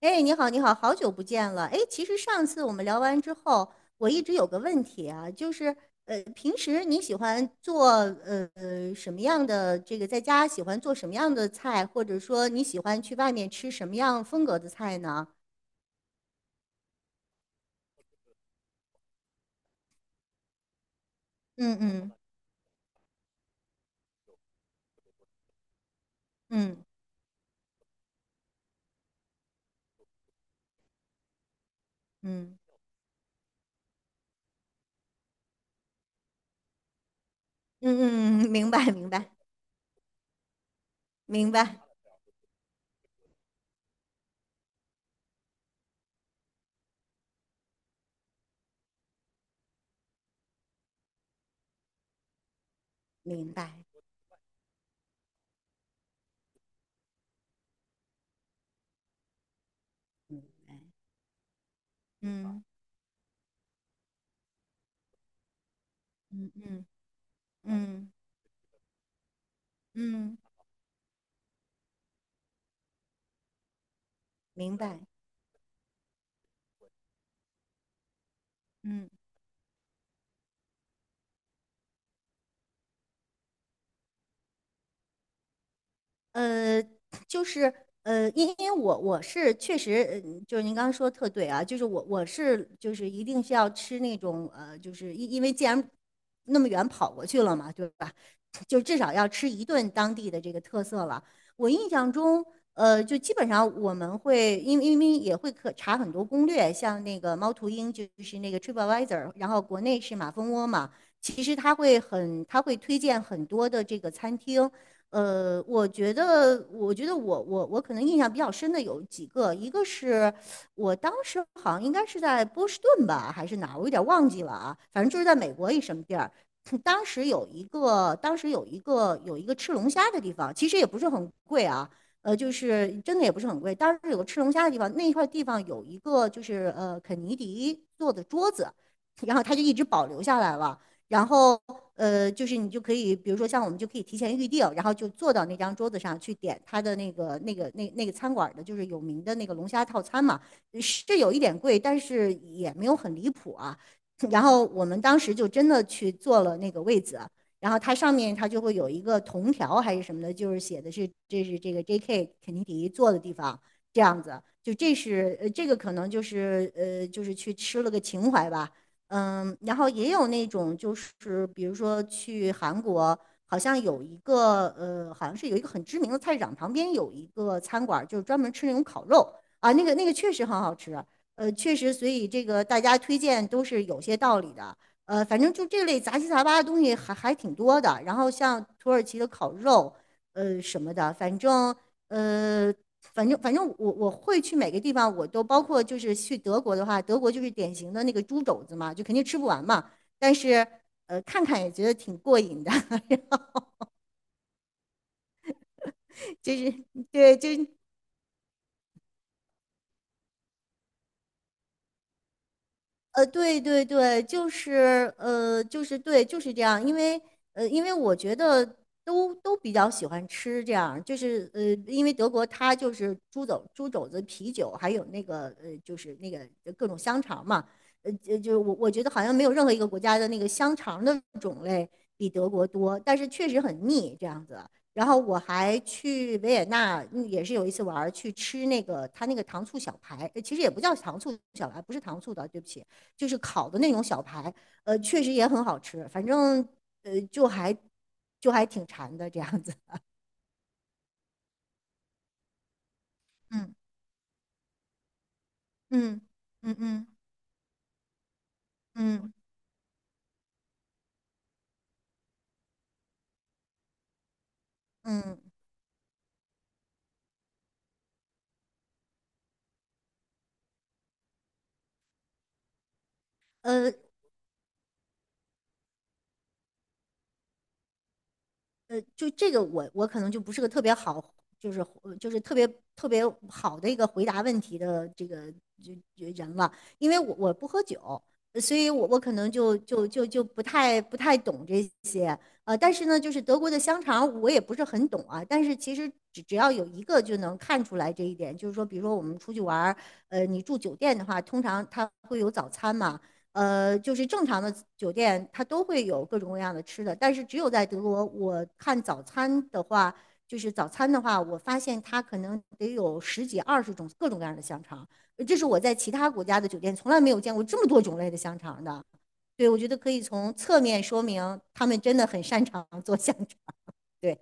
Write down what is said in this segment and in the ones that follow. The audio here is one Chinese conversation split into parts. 哎，你好，你好，好久不见了。哎，其实上次我们聊完之后，我一直有个问题啊，就是平时你喜欢做什么样的这个在家喜欢做什么样的菜，或者说你喜欢去外面吃什么样风格的菜呢？嗯嗯嗯嗯嗯嗯，明白明白明白明白，嗯嗯嗯嗯嗯，明白，嗯。呃，就是因为我是确实，就是您刚刚说的特对啊，就是我是就是一定是要吃那种就是因为既然那么远跑过去了嘛，对吧？就至少要吃一顿当地的这个特色了。我印象中，就基本上我们会因为也会可查很多攻略，像那个猫头鹰就是那个 TripAdvisor，然后国内是马蜂窝嘛，其实他会他会推荐很多的这个餐厅。我觉得我可能印象比较深的有几个，一个是我当时好像应该是在波士顿吧，还是哪儿，我有点忘记了啊，反正就是在美国一什么地儿。当时有一个吃龙虾的地方，其实也不是很贵啊，就是真的也不是很贵。当时有个吃龙虾的地方，那一块地方有一个肯尼迪做的桌子，然后他就一直保留下来了。然后就是你就可以，比如说像我们就可以提前预定，然后就坐到那张桌子上去点他的那个餐馆的，就是有名的那个龙虾套餐嘛，是有一点贵，但是也没有很离谱啊。然后我们当时就真的去坐了那个位子，然后它上面就会有一个铜条还是什么的，就是写的是这是这个 J.K. 肯尼迪坐的地方，这样子，就这是这个可能就是就是去吃了个情怀吧。嗯，然后也有那种就是比如说去韩国，好像有一个好像是有一个很知名的菜市场旁边有一个餐馆儿就是专门吃那种烤肉啊，那个确实很好吃，确实，所以这个大家推荐都是有些道理的。反正就这类杂七杂八的东西还挺多的。然后像土耳其的烤肉，呃什么的，反正呃。反正我会去每个地方，我都包括就是去德国的话，德国就是典型的那个猪肘子嘛，就肯定吃不完嘛。但是看看也觉得挺过瘾的，就是对，对对对，就是对，就是这样。因为因为我觉得都比较喜欢吃这样，就是因为德国它就是猪肘、猪肘子、啤酒，还有那个就是那个各种香肠嘛。就就是我觉得好像没有任何一个国家的那个香肠的种类比德国多，但是确实很腻这样子。然后我还去维也纳，嗯也是有一次玩儿去吃那个他那个糖醋小排，其实也不叫糖醋小排，不是糖醋的，对不起，就是烤的那种小排，确实也很好吃，反正呃就还就挺馋的这样子。嗯嗯嗯嗯嗯嗯，呃。就这个我可能就不是个特别好，就是呃就是特别特别好的一个回答问题的这个人了，因为我不喝酒，所以我可能就就就就不太懂这些，但是呢，就是德国的香肠我也不是很懂啊，但是其实只要有一个就能看出来这一点，就是说，比如说我们出去玩儿，你住酒店的话，通常它会有早餐嘛。就是正常的酒店它都会有各种各样的吃的，但是只有在德国，我看早餐的话，就是早餐的话，我发现它可能得有十几二十种各种各样的香肠，这是我在其他国家的酒店从来没有见过这么多种类的香肠的。对，我觉得可以从侧面说明他们真的很擅长做香肠。对，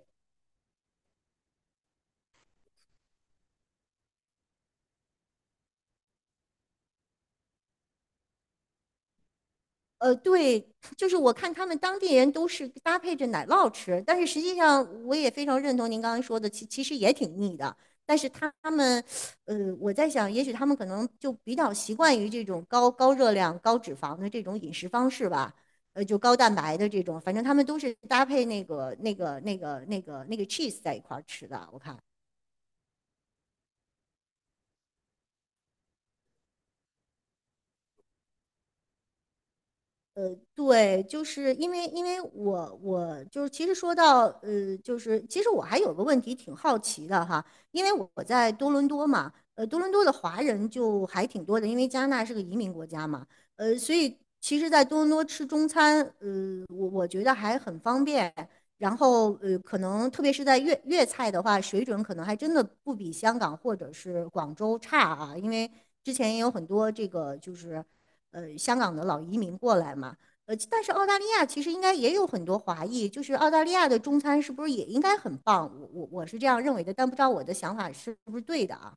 对，就是我看他们当地人都是搭配着奶酪吃，但是实际上我也非常认同您刚才说的，其实也挺腻的。但是他们，我在想，也许他们可能就比较习惯于这种高热量、高脂肪的这种饮食方式吧，就高蛋白的这种，反正他们都是搭配那个 cheese 在一块儿吃的，我看。对，就是因为我我就是其实说到就是其实我还有个问题挺好奇的哈，因为我在多伦多嘛，多伦多的华人就还挺多的，因为加拿大是个移民国家嘛，所以其实，在多伦多吃中餐，我觉得还很方便，然后可能特别是在粤菜的话，水准可能还真的不比香港或者是广州差啊，因为之前也有很多这个就是。香港的老移民过来嘛。但是澳大利亚其实应该也有很多华裔，就是澳大利亚的中餐是不是也应该很棒？我是这样认为的，但不知道我的想法是不是对的啊？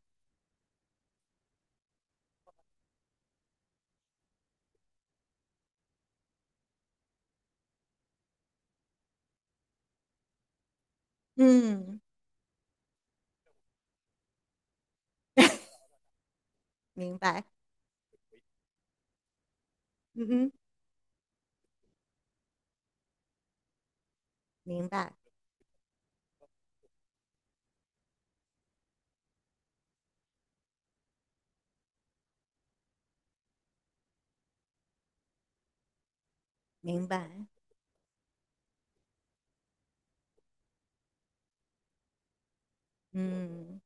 嗯，明白，嗯嗯，明白，明白，嗯，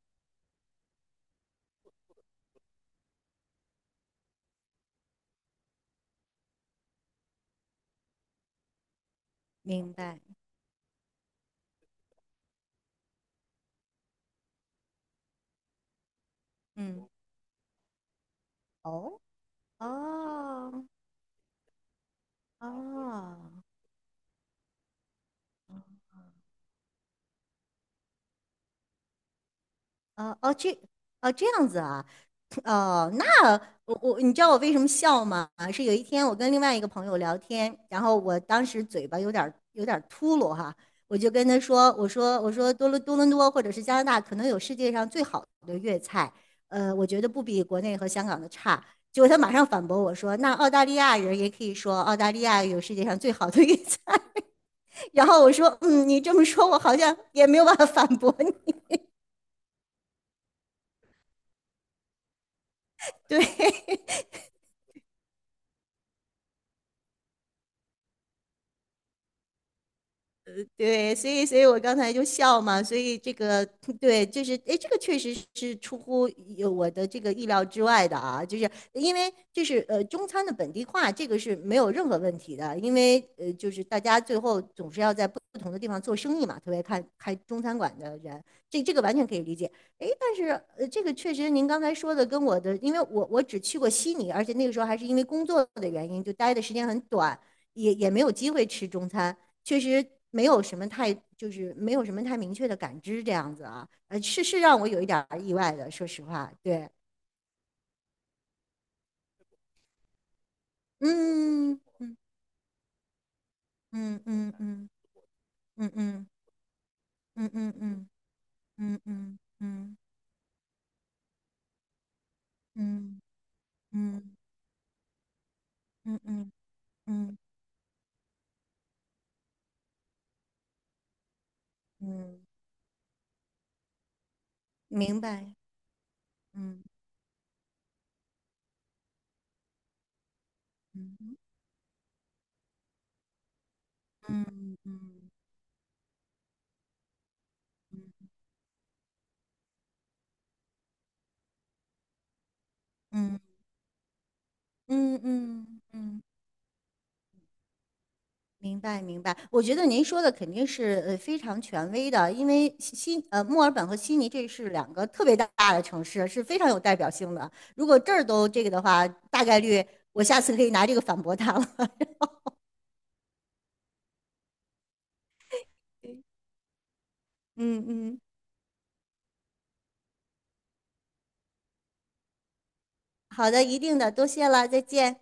明白，嗯，哦，哦，哦。哦哦，这哦这样子啊，哦，那我你知道我为什么笑吗？是有一天我跟另外一个朋友聊天，然后我当时嘴巴有点儿秃噜哈，我就跟他说，我说多伦多或者是加拿大可能有世界上最好的粤菜，我觉得不比国内和香港的差。结果他马上反驳我说，那澳大利亚人也可以说澳大利亚有世界上最好的粤菜。然后我说，嗯，你这么说，我好像也没有办法反驳你。对，对，所以我刚才就笑嘛，所以这个对，就是哎，诶这个确实是出乎我的这个意料之外的啊，就是因为就是中餐的本地化这个是没有任何问题的，因为就是大家最后总是要在不同的地方做生意嘛，特别看开中餐馆的人，这个完全可以理解。哎，但是这个确实您刚才说的跟我的，因为我只去过悉尼，而且那个时候还是因为工作的原因，就待的时间很短，也没有机会吃中餐。确实没有什么太就是没有什么太明确的感知这样子啊，是让我有一点儿意外的，说实话，对，嗯嗯嗯嗯嗯嗯嗯嗯嗯嗯嗯嗯嗯嗯嗯嗯嗯嗯，明白，嗯嗯嗯嗯嗯嗯嗯嗯。明白，明白。我觉得您说的肯定是非常权威的，因为悉悉呃墨尔本和悉尼这是两个特别大的城市，是非常有代表性的。如果这儿都这个的话，大概率我下次可以拿这个反驳他了。嗯嗯，好的，一定的，多谢了，再见。